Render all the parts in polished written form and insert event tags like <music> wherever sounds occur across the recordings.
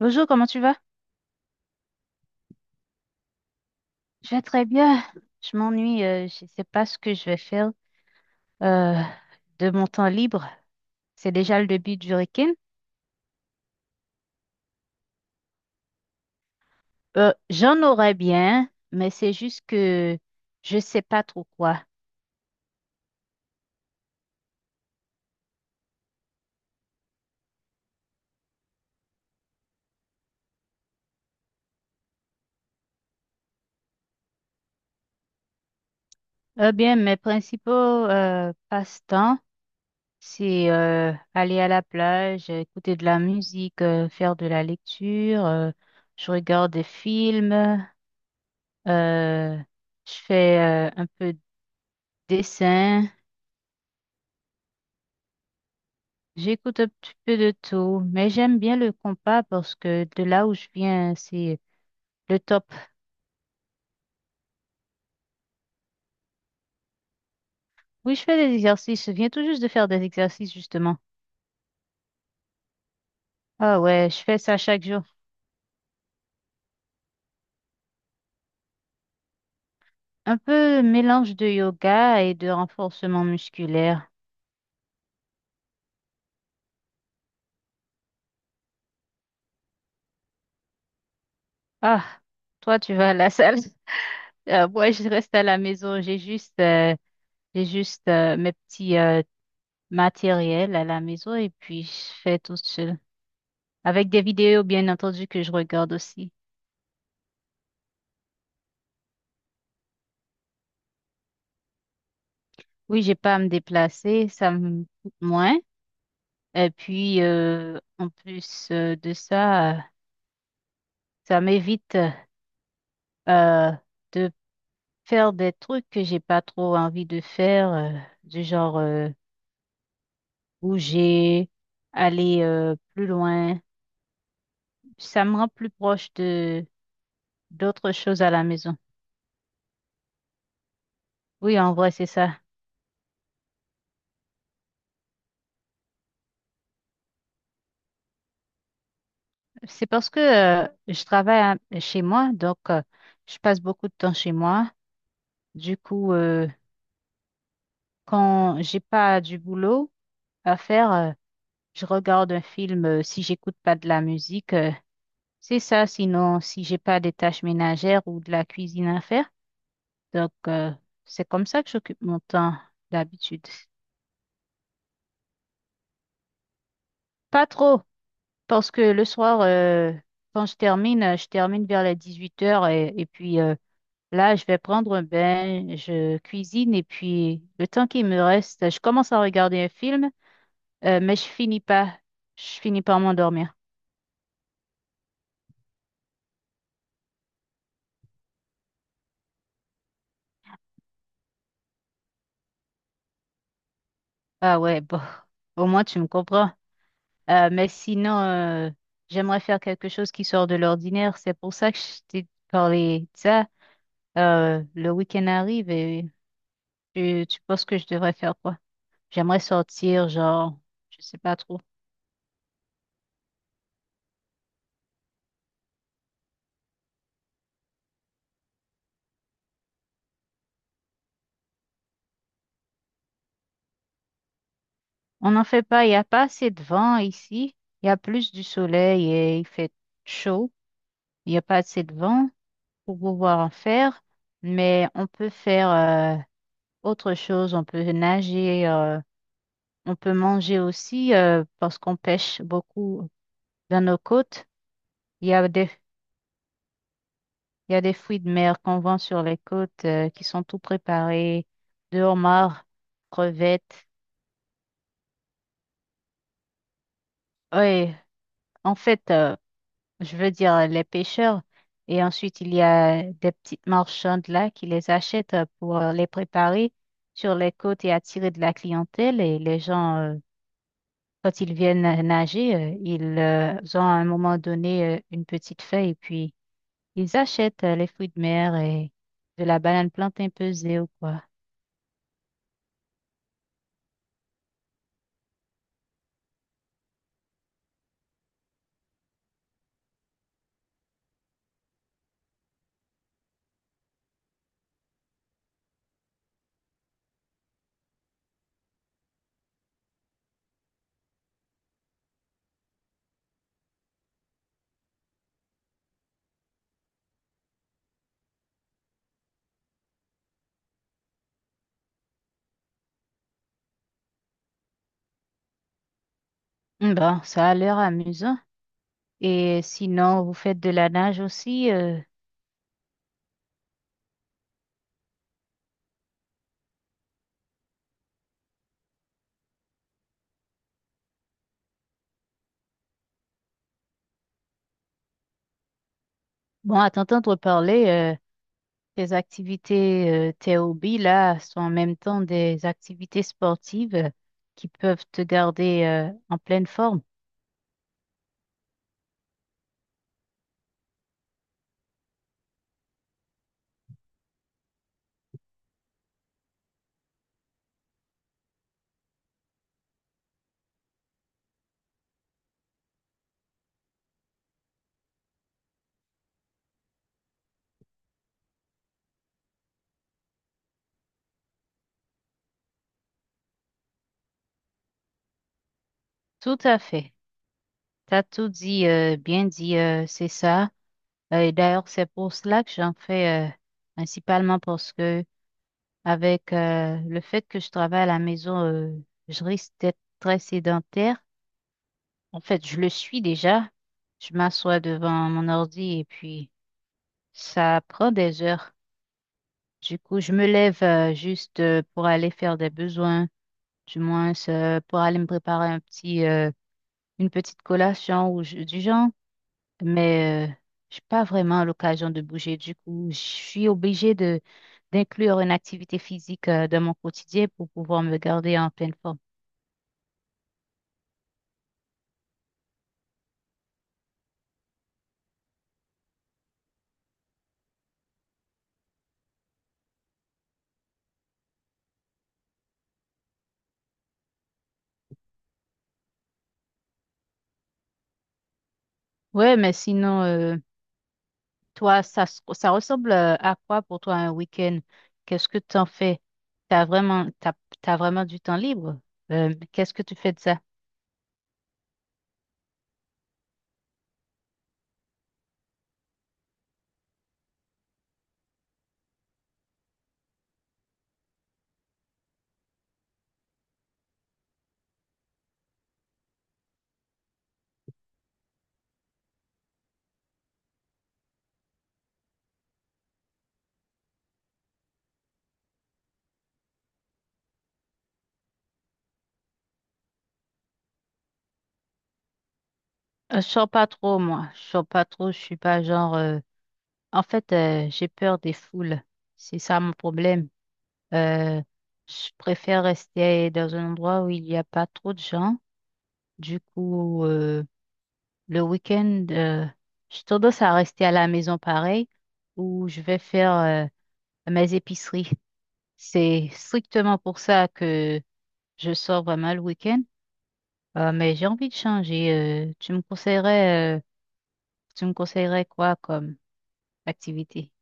Bonjour, comment tu vas? Je vais très bien. Je m'ennuie, je ne sais pas ce que je vais faire euh, de mon temps libre. C'est déjà le début du week-end. J'en aurais bien, mais c'est juste que je ne sais pas trop quoi. Eh bien, mes principaux passe-temps, c'est aller à la plage, écouter de la musique, faire de la lecture, je regarde des films, euh, je fais un peu de dessin. J'écoute un petit peu de tout, mais j'aime bien le compas parce que de là où je viens, c'est le top. Oui, je fais des exercices. Je viens tout juste de faire des exercices, justement. Ah ouais, je fais ça chaque jour. Un peu mélange de yoga et de renforcement musculaire. Ah, toi, tu vas à la salle. <laughs> Moi, je reste à la maison. J'ai juste mes petits matériels à la maison et puis je fais tout seul. Avec des vidéos, bien entendu, que je regarde aussi. Oui, j'ai pas à me déplacer, ça me coûte moins. Et puis, en plus de ça, ça m'évite euh, de faire des trucs que j'ai pas trop envie de faire, du genre bouger, aller plus loin. Ça me rend plus proche de d'autres choses à la maison. Oui, en vrai, c'est ça. C'est parce que chez moi, donc je passe beaucoup de temps chez moi. Du coup, quand j'ai pas du boulot à faire. Je regarde un film si j'écoute pas de la musique. C'est ça, sinon si j'ai pas des tâches ménagères ou de la cuisine à faire. Donc c'est comme ça que j'occupe mon temps d'habitude. Pas trop, parce que le soir, quand je termine vers les 8 heures et puis là, je vais prendre un bain, je cuisine et puis le temps qui me reste, je commence à regarder un film, mais je finis pas, je finis par m'endormir. Ah ouais, bon. Au moins, tu me comprends. Mais sinon, j'aimerais faire quelque chose qui sort de l'ordinaire. C'est pour ça que je t'ai parlé de ça. Le week-end arrive et tu penses que je devrais faire quoi? J'aimerais sortir, genre, je sais pas trop. On n'en fait pas, il n'y a pas assez de vent ici. Il y a plus du soleil et il fait chaud. Il n'y a pas assez de vent pour pouvoir en faire. Mais on peut faire autre chose. On peut nager, on peut manger aussi parce qu'on pêche beaucoup. Dans nos côtes, il y a des, il y a des fruits de mer qu'on vend sur les côtes qui sont tout préparés, de homards, crevettes. Oui, en fait, je veux dire les pêcheurs. Et ensuite, il y a des petites marchandes là qui les achètent pour les préparer sur les côtes et attirer de la clientèle. Et les gens, quand ils viennent nager, ils ont à un moment donné une petite feuille et puis ils achètent les fruits de mer et de la banane plantain pesée ou quoi. Hmm, bon, ça a l'air amusant. Et sinon, vous faites de la nage aussi. Bon, à t'entendre parler, tes activités, tes hobbies, là, sont en même temps des activités sportives qui peuvent te garder, en pleine forme. Tout à fait. T'as tout dit, bien dit, c'est ça. Et d'ailleurs, c'est pour cela que j'en fais, principalement parce que avec le fait que je travaille à la maison, je risque d'être très sédentaire. En fait, je le suis déjà. Je m'assois devant mon ordi et puis ça prend des heures. Du coup, je me lève juste pour aller faire des besoins, du moins pour aller me préparer un petit, une petite collation ou du genre. Mais j'ai pas vraiment l'occasion de bouger. Du coup, je suis obligée de d'inclure une activité physique dans mon quotidien pour pouvoir me garder en pleine forme. Ouais, mais sinon, toi, ça, ça ressemble à quoi pour toi un week-end? Qu'est-ce que tu en fais? T'as vraiment, t'as, t'as vraiment du temps libre? Qu'est-ce que tu fais de ça? Je sors pas trop, moi. Je sors pas trop. Je suis pas genre. En fait, j'ai peur des foules. C'est ça mon problème. Euh, je préfère rester dans un endroit où il n'y a pas trop de gens. Du coup, le week-end, j'ai tendance à rester à la maison pareil, où je vais faire. Mes épiceries. C'est strictement pour ça que je sors vraiment le week-end. Mais j'ai envie de changer. euh, tu me conseillerais, euh, Tu me conseillerais quoi comme activité?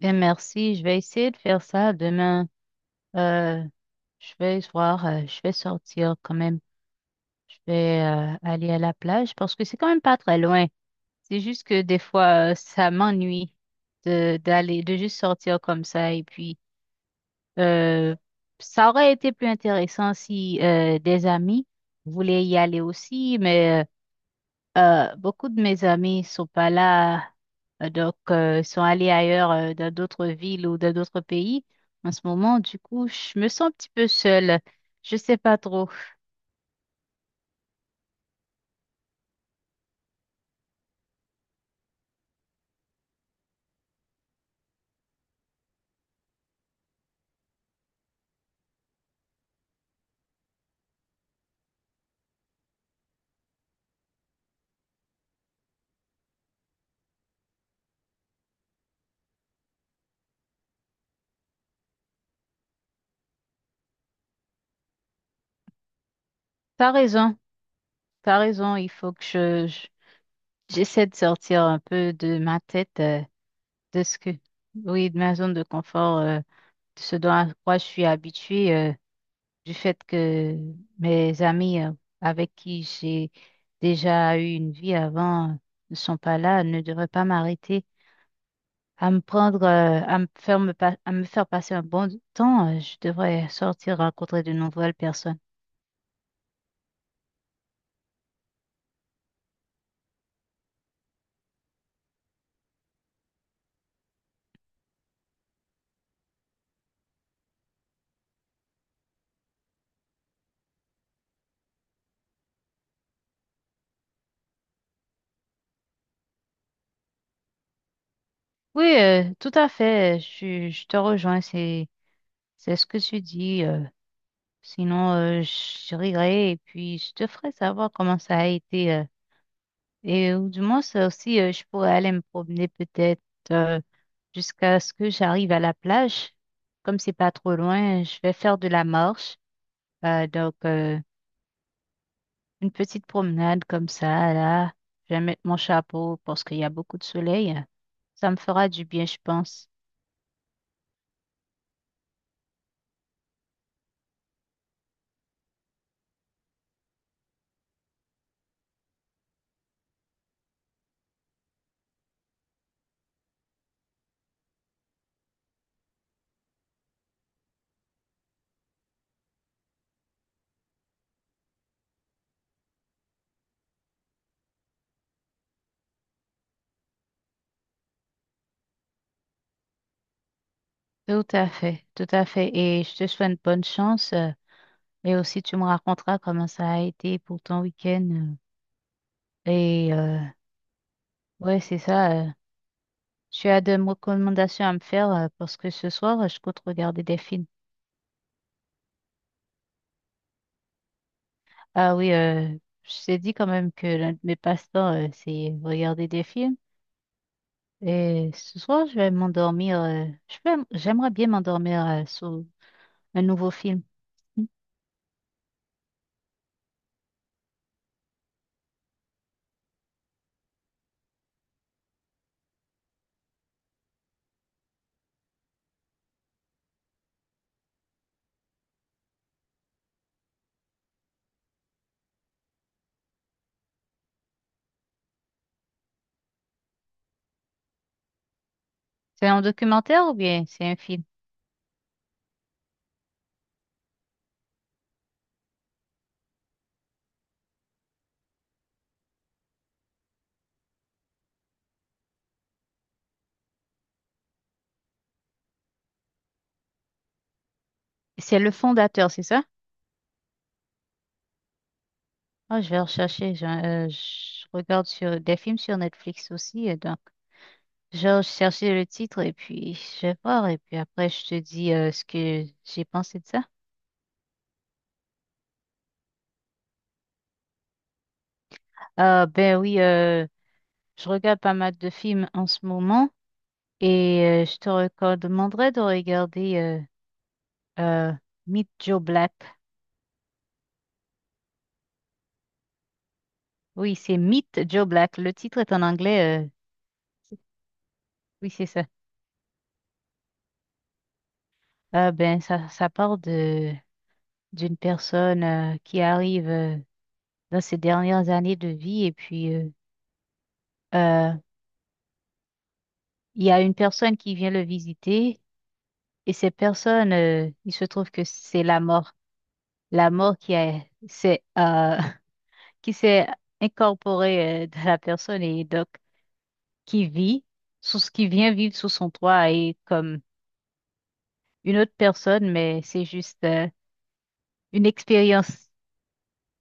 Bien, merci. Je vais essayer de faire ça demain. Euh, je vais voir, je vais sortir quand même. Je vais aller à la plage parce que c'est quand même pas très loin. C'est juste que des fois, ça m'ennuie de d'aller, de juste sortir comme ça. Et puis, euh, ça aurait été plus intéressant si des amis voulaient y aller aussi, mais beaucoup de mes amis sont pas là, donc sont allés ailleurs, dans d'autres villes ou dans d'autres pays. En ce moment, du coup, je me sens un petit peu seule. Je sais pas trop. T'as raison, t'as raison. Il faut que j'essaie de sortir un peu de ma tête. De ce que, oui, de ma zone de confort, de ce dont à quoi je suis habituée, du fait que mes amis avec qui j'ai déjà eu une vie avant ne sont pas là, ne devraient pas m'arrêter à me faire à me faire passer un bon temps. Je devrais sortir rencontrer de nouvelles personnes. Oui, tout à fait. Je te rejoins. C'est ce que tu dis. Sinon, je rirai et puis je te ferai savoir comment ça a été. Et ou du moins, ça aussi, je pourrais aller me promener peut-être euh, jusqu'à ce que j'arrive à la plage. Comme c'est pas trop loin, je vais faire de la marche. Donc, une petite promenade comme ça, là. Je vais mettre mon chapeau parce qu'il y a beaucoup de soleil. Ça me fera du bien, je pense. Tout à fait, tout à fait. Et je te souhaite bonne chance. Et aussi, tu me raconteras comment ça a été pour ton week-end. Et ouais, c'est ça. Tu as des recommandations à me faire parce que ce soir, je compte regarder des films. Ah oui, je t'ai dit quand même que l'un de mes passe-temps, c'est regarder des films. Et ce soir, je vais m'endormir. J'aimerais bien m'endormir sur un nouveau film. Mm. C'est un documentaire ou bien c'est un film? C'est Le Fondateur, c'est ça? Ah, je vais rechercher. Je regarde sur des films sur Netflix aussi, et donc, je vais rechercher le titre et puis je vais voir. Et puis après, je te dis ce que j'ai pensé de ça. Ah, ben oui, je regarde pas mal de films en ce moment et je te recommanderais de regarder euh, Meet Joe Black. Oui, c'est Meet Joe Black. Le titre est en anglais. Oui, c'est ça. Ah ben, ça parle de d'une personne qui arrive dans ses dernières années de vie et puis euh, il y a une personne qui vient le visiter et cette personne, il se trouve que c'est la mort, la mort qui a, c'est, euh, <laughs> qui s'est incorporée dans la personne et donc qui vit sous ce qui vient vivre sous son toit et comme une autre personne, mais c'est juste une expérience.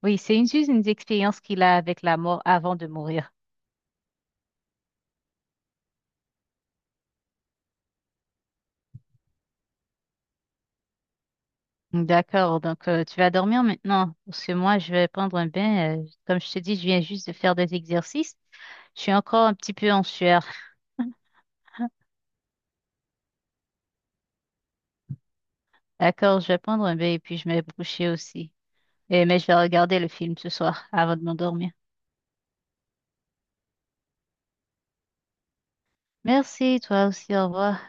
Oui, c'est une, juste une expérience qu'il a avec la mort avant de mourir. D'accord, donc tu vas dormir maintenant, parce que moi je vais prendre un bain. Comme je te dis, je viens juste de faire des exercices. Je suis encore un petit peu en sueur. D'accord, je vais prendre un bain et puis je vais me coucher aussi. Et, mais je vais regarder le film ce soir avant de m'endormir. Merci, toi aussi, au revoir.